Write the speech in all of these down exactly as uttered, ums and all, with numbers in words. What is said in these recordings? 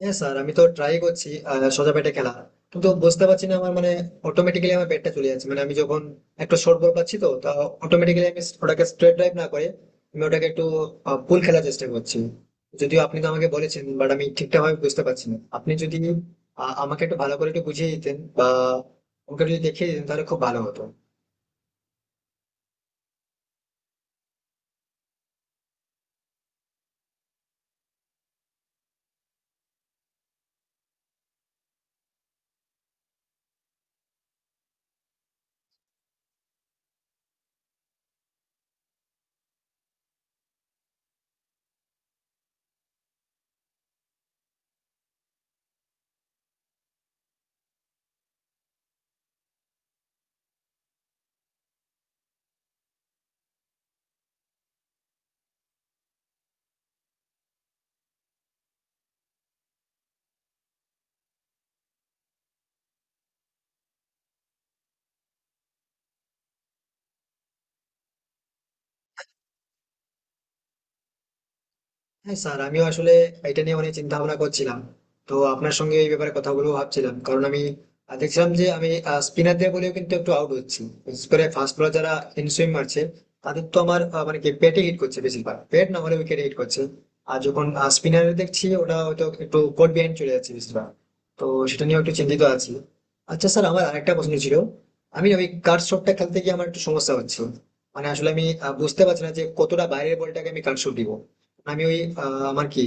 হ্যাঁ স্যার, আমি তো ট্রাই করছি আহ, সোজা পেটে খেলা, কিন্তু বুঝতে পারছি না আমার মানে অটোমেটিক্যালি আমার পেটটা চলে যাচ্ছে। মানে আমি যখন একটু শর্ট বল পাচ্ছি, তো তা অটোমেটিক্যালি আমি ওটাকে স্ট্রেট ড্রাইভ না করে আমি ওটাকে একটু পুল খেলার চেষ্টা করছি। যদিও আপনি তো আমাকে বলেছেন, বাট আমি ঠিকঠাক ভাবে বুঝতে পারছি না। আপনি যদি আহ, আমাকে একটু ভালো করে একটু বুঝিয়ে দিতেন বা আমাকে একটু দেখিয়ে দিতেন, তাহলে খুব ভালো হতো। হ্যাঁ স্যার, আমিও আসলে এটা নিয়ে অনেক চিন্তা ভাবনা করছিলাম, তো আপনার সঙ্গে এই ব্যাপারে কথা বলবো ভাবছিলাম। কারণ আমি আহ, দেখছিলাম যে আমি স্পিনার দিয়ে বলেও কিন্তু একটু আউট হচ্ছি, বিশেষ করে ফাস্ট বলার যারা ইন সুইং মারছে তাদের তো আমার আহ, মানে কি পেটে হিট করছে বেশিরভাগ, পেট না হলে উইকেটে হিট করছে। আর যখন স্পিনারে দেখছি, ওটা হয়তো একটু কোট বিহাইন্ড চলে যাচ্ছে বেশিরভাগ। তো সেটা নিয়ে একটু চিন্তিত আছি। আচ্ছা স্যার, আমার আরেকটা প্রশ্ন ছিল। আমি ওই কাট শটটা খেলতে গিয়ে আমার একটু সমস্যা হচ্ছে। মানে আসলে আমি আহ, বুঝতে পারছি না যে কতটা বাইরের বলটাকে আমি কাট শট দিব। আমি ওই আহ, আমার কি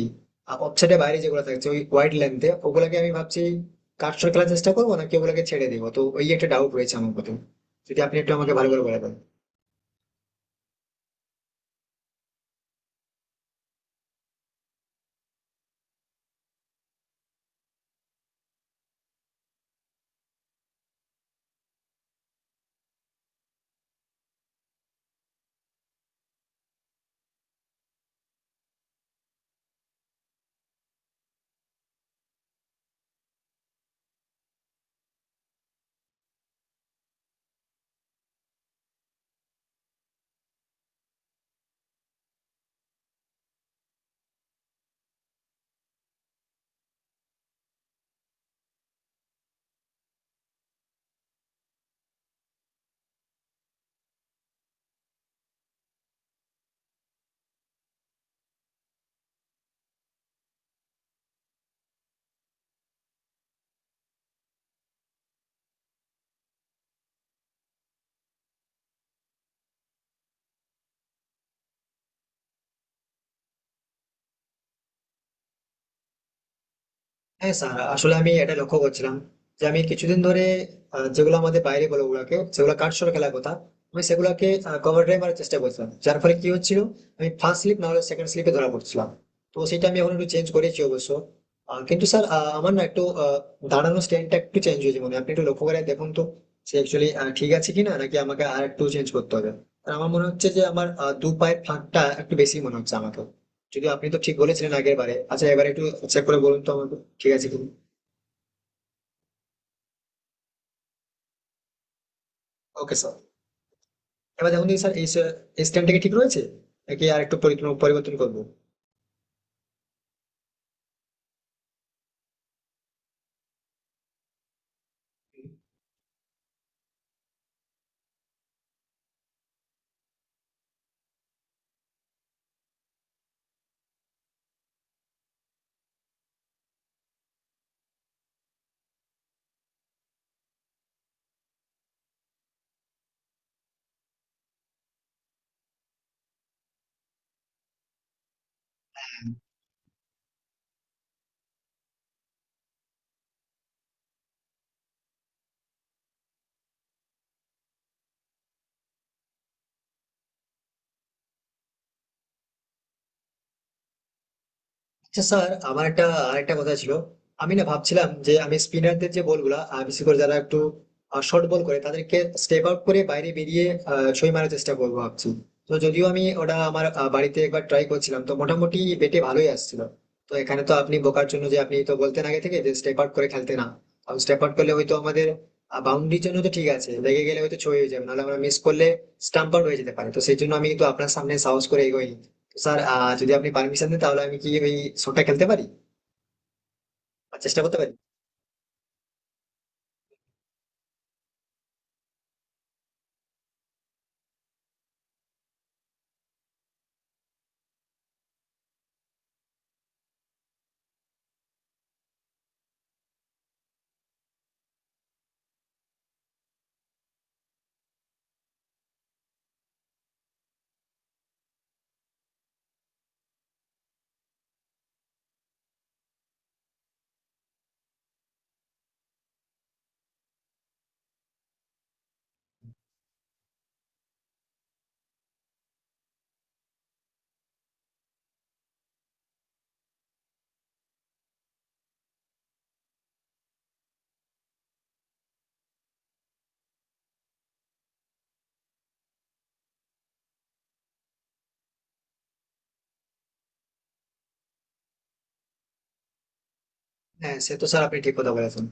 ওয়েবসাইটের বাইরে যেগুলো থাকছে ওই ওয়াইড লেন্থে ওগুলাকে আমি ভাবছি কাটছর খেলার চেষ্টা করবো নাকি ওগুলোকে ছেড়ে দেবো। তো ওই একটা ডাউট রয়েছে আমার প্রথমে, যদি আপনি একটু আমাকে ভালো করে বলে দেন। হ্যাঁ স্যার, আসলে আমি এটা লক্ষ্য করছিলাম যে আমি কিছুদিন ধরে আহ, যেগুলো আমাদের বাইরে বলে ওগুলাকে, যেগুলো কাটছড় খেলার কথা, আমি সেগুলাকে কভার ড্রাইভ মারার চেষ্টা করছিলাম। যার ফলে কি হচ্ছিল, আমি ফার্স্ট স্লিপ না হলে সেকেন্ড স্লিপে ধরা পড়ছিলাম। তো সেটা আমি এখন একটু চেঞ্জ করেছি অবশ্য। আহ, কিন্তু স্যার, আমার না একটু আহ, দাঁড়ানোর স্ট্যান্ডটা একটু চেঞ্জ হয়েছে মনে হয়। আপনি একটু লক্ষ্য করে দেখুন তো সে অ্যাকচুয়ালি ঠিক আছে কিনা, নাকি আমাকে আর একটু চেঞ্জ করতে হবে। আর আমার মনে হচ্ছে যে আমার আহ, দু পায়ের ফাঁকটা একটু বেশি মনে হচ্ছে আমাকে। যদিও আপনি তো ঠিক বলেছিলেন আগের বারে। আচ্ছা, এবার একটু চেক করে বলুন তো আমাকে ঠিক আছে কিনা। ওকে স্যার, এবার দেখুন দেখি স্যার। এই স্যার, এই স্ট্যান্ডটা কি ঠিক রয়েছে নাকি আর একটু পরি- পরিবর্তন করবো? আচ্ছা স্যার, আমার একটা আরেকটা কথা ছিল। আমি না ভাবছিলাম যে আমি স্পিনারদের যে বলগুলা আহ, বিশেষ করে যারা একটু শর্ট বল করে তাদেরকে স্টেপ আউট করে বাইরে বেরিয়ে আহ, ছয় মারার চেষ্টা করবো ভাবছি। তো যদিও আমি ওটা আমার আহ, বাড়িতে একবার ট্রাই করছিলাম, তো মোটামুটি বেটে ভালোই আসছিল। তো এখানে তো আপনি বোকার জন্য, যে আপনি তো বলতেন আগে থেকে যে স্টেপ আউট করে খেলতে না, কারণ স্টেপ আউট করলে হয়তো আমাদের বাউন্ডারির জন্য তো ঠিক আছে, লেগে গেলে হয়তো ছয় হয়ে যাবে, নাহলে আমরা মিস করলে স্টাম্প আউট হয়ে যেতে পারে। তো সেই জন্য আমি কিন্তু আপনার সামনে সাহস করে এগোইনি। স্যার আহ যদি আপনি পারমিশন দেন, তাহলে আমি কি ওই শোটা খেলতে পারি বা চেষ্টা করতে পারি? হ্যাঁ সে তো স্যার, আপনি ঠিক কথা বলেছেন।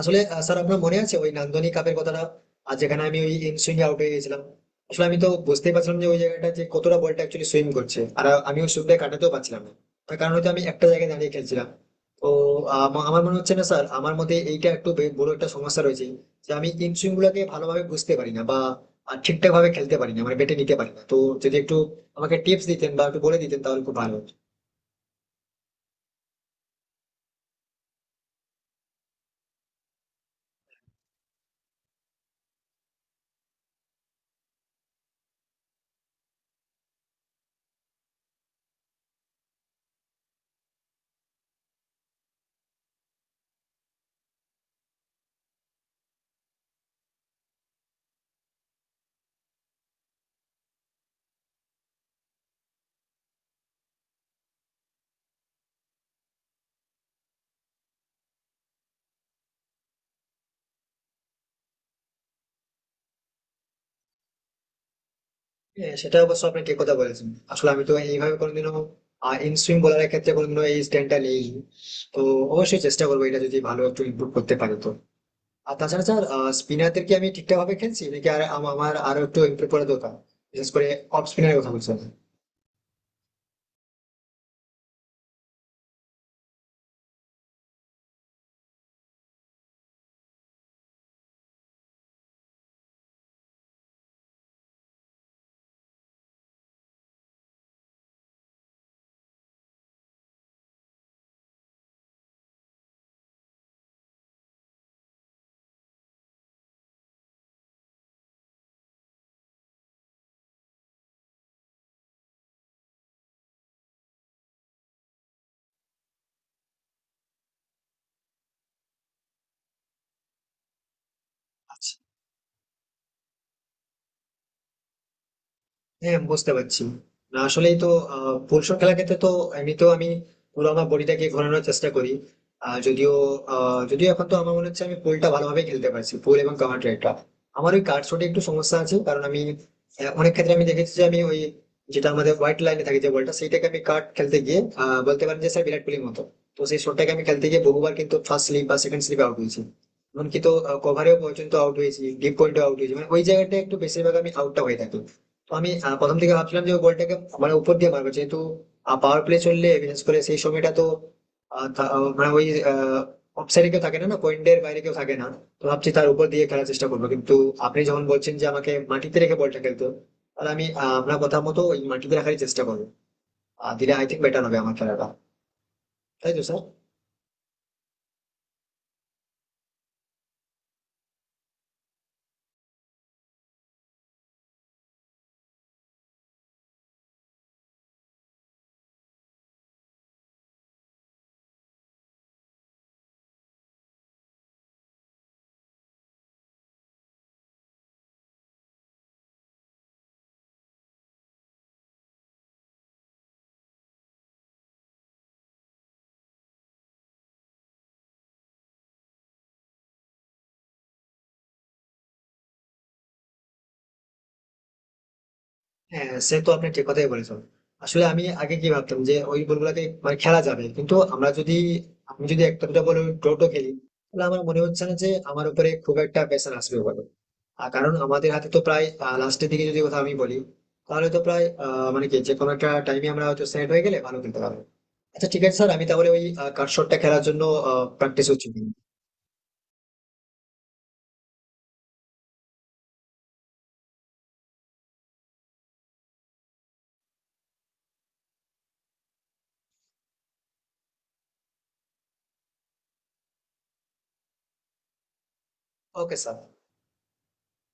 আসলে আহ, স্যার, আপনার মনে আছে ওই নান্দনিক কাপের কথাটা, আর যেখানে আমি ওই সুইং আউট হয়ে গেছিলাম। আসলে আমি তো বুঝতেই পারছিলাম যে ওই জায়গাটা যে কতটা বলটা অ্যাকচুয়ালি সুইং করছে, আর আমি ওই সুইংটা কাটাতেও পারছিলাম না। তার কারণ হয়তো আমি একটা জায়গায় দাঁড়িয়ে খেলছিলাম। তো আহ, আমা- আমার মনে হচ্ছে না স্যার, আমার মধ্যে এইটা একটু বে- বড় একটা সমস্যা রয়েছে যে আমি ইন সুইং গুলাকে ভালোভাবে বুঝতে পারি না বা ঠিকঠাক ভাবে খেলতে পারি না, মানে বেটে নিতে পারি না। তো যদি একটু আমাকে টিপস দিতেন বা একটু বলে দিতেন, তাহলে খুব ভালো হতো। হ্যাঁ, সেটা অবশ্য আপনি ঠিক কথা বলেছেন। আসলে আমি তো এইভাবে কোনোদিনও ইন সুইং বলারের ক্ষেত্রে কোনোদিনও এই স্ট্যান্ডটা নেই। তো অবশ্যই চেষ্টা করবো, এটা যদি ভালো একটু ইমপ্রুভ করতে পারে তো। আর তাছাড়া স্যার, স্পিনারদের কি আমি ঠিকঠাক ভাবে খেলছি নাকি আর আম- আমার আরো একটু ইমপ্রুভ করা দরকার? বিশেষ করে অফ স্পিনারের কথা বলছি আমি। আচ্ছা, হ্যাঁ বুঝতে পারছি। না, আসলেই তো আহ ফুলশট খেলার ক্ষেত্রে তো এমনিতেও আমি পুরো আমার বডিটাকে ঘোরানোর চেষ্টা করি। আহ, যদিও আহ, যদিও এখন তো আমার মনে হচ্ছে আমি পুলটা ভালোভাবে খেলতে পারছি, পুল এবং কাভার ড্রাইভটা। আমার ওই কার্ড শটে একটু সমস্যা আছে, কারণ আমি আহ, অনেক ক্ষেত্রে আমি দেখেছি যে আমি ওই যেটা আমাদের হোয়াইট লাইনে থাকে যে বলটা, সেইটাকে আমি কাট খেলতে গিয়ে আহ, বলতে পারেন যে স্যার বিরাট কোহলির মতো। তো সেই শটটাকে আমি খেলতে গিয়ে বহুবার কিন্তু ফার্স্ট স্লিপ বা সেকেন্ড স্লিপে আউট হয়েছি, এমনকি তো কভারেও পর্যন্ত আউট হয়েছি, ডিপ পয়েন্টে আউট হয়েছি। মানে ওই জায়গাটা একটু বেশিরভাগ আমি আউটটা হয়ে থাকি। তো আমি আহ, প্রথম থেকে ভাবছিলাম যে গোলটাকে মানে উপর দিয়ে মারবো, যেহেতু পাওয়ার প্লে চললে বিশেষ করে সেই সময়টা তো আহ, থা- আহ, মানে ওই অফসাইডে কেউ থাকে না, না পয়েন্টের বাইরে কেউ থাকে না। তো ভাবছি তার উপর দিয়ে খেলার চেষ্টা করবো। কিন্তু আপনি যখন বলছেন যে আমাকে মাটিতে রেখে বলটা খেলতে হবে, তাহলে আমি আহ, আপনার কথা মতো ওই মাটিতে রাখারই চেষ্টা করবো। আর দিলে আই থিঙ্ক বেটার হবে আমার খেলাটা, তাই তো স্যার? হ্যাঁ, সে তো আপনি ঠিক কথাই বলেছেন। আসলে আমি আগে কি ভাবতাম যে ওই বলগুলাকে মানে খেলা যাবে, কিন্তু আমরা যদি আমি যদি একটা দুটো বল টোটো খেলি, তাহলে আমার মনে হচ্ছে না যে আমার উপরে খুব একটা প্রেশার আসবে বলে। আর কারণ আমাদের হাতে তো প্রায়, লাস্টের দিকে যদি কথা আমি বলি, তাহলে তো প্রায় আহ, মানে কি যে কোনো একটা টাইমে আমরা হয়তো সেট হয়ে গেলে ভালো খেলতে পারবো। আচ্ছা ঠিক আছে স্যার, আমি তাহলে ওই কাট শটটা খেলার জন্য প্র্যাকটিস হচ্ছে। Okay sir.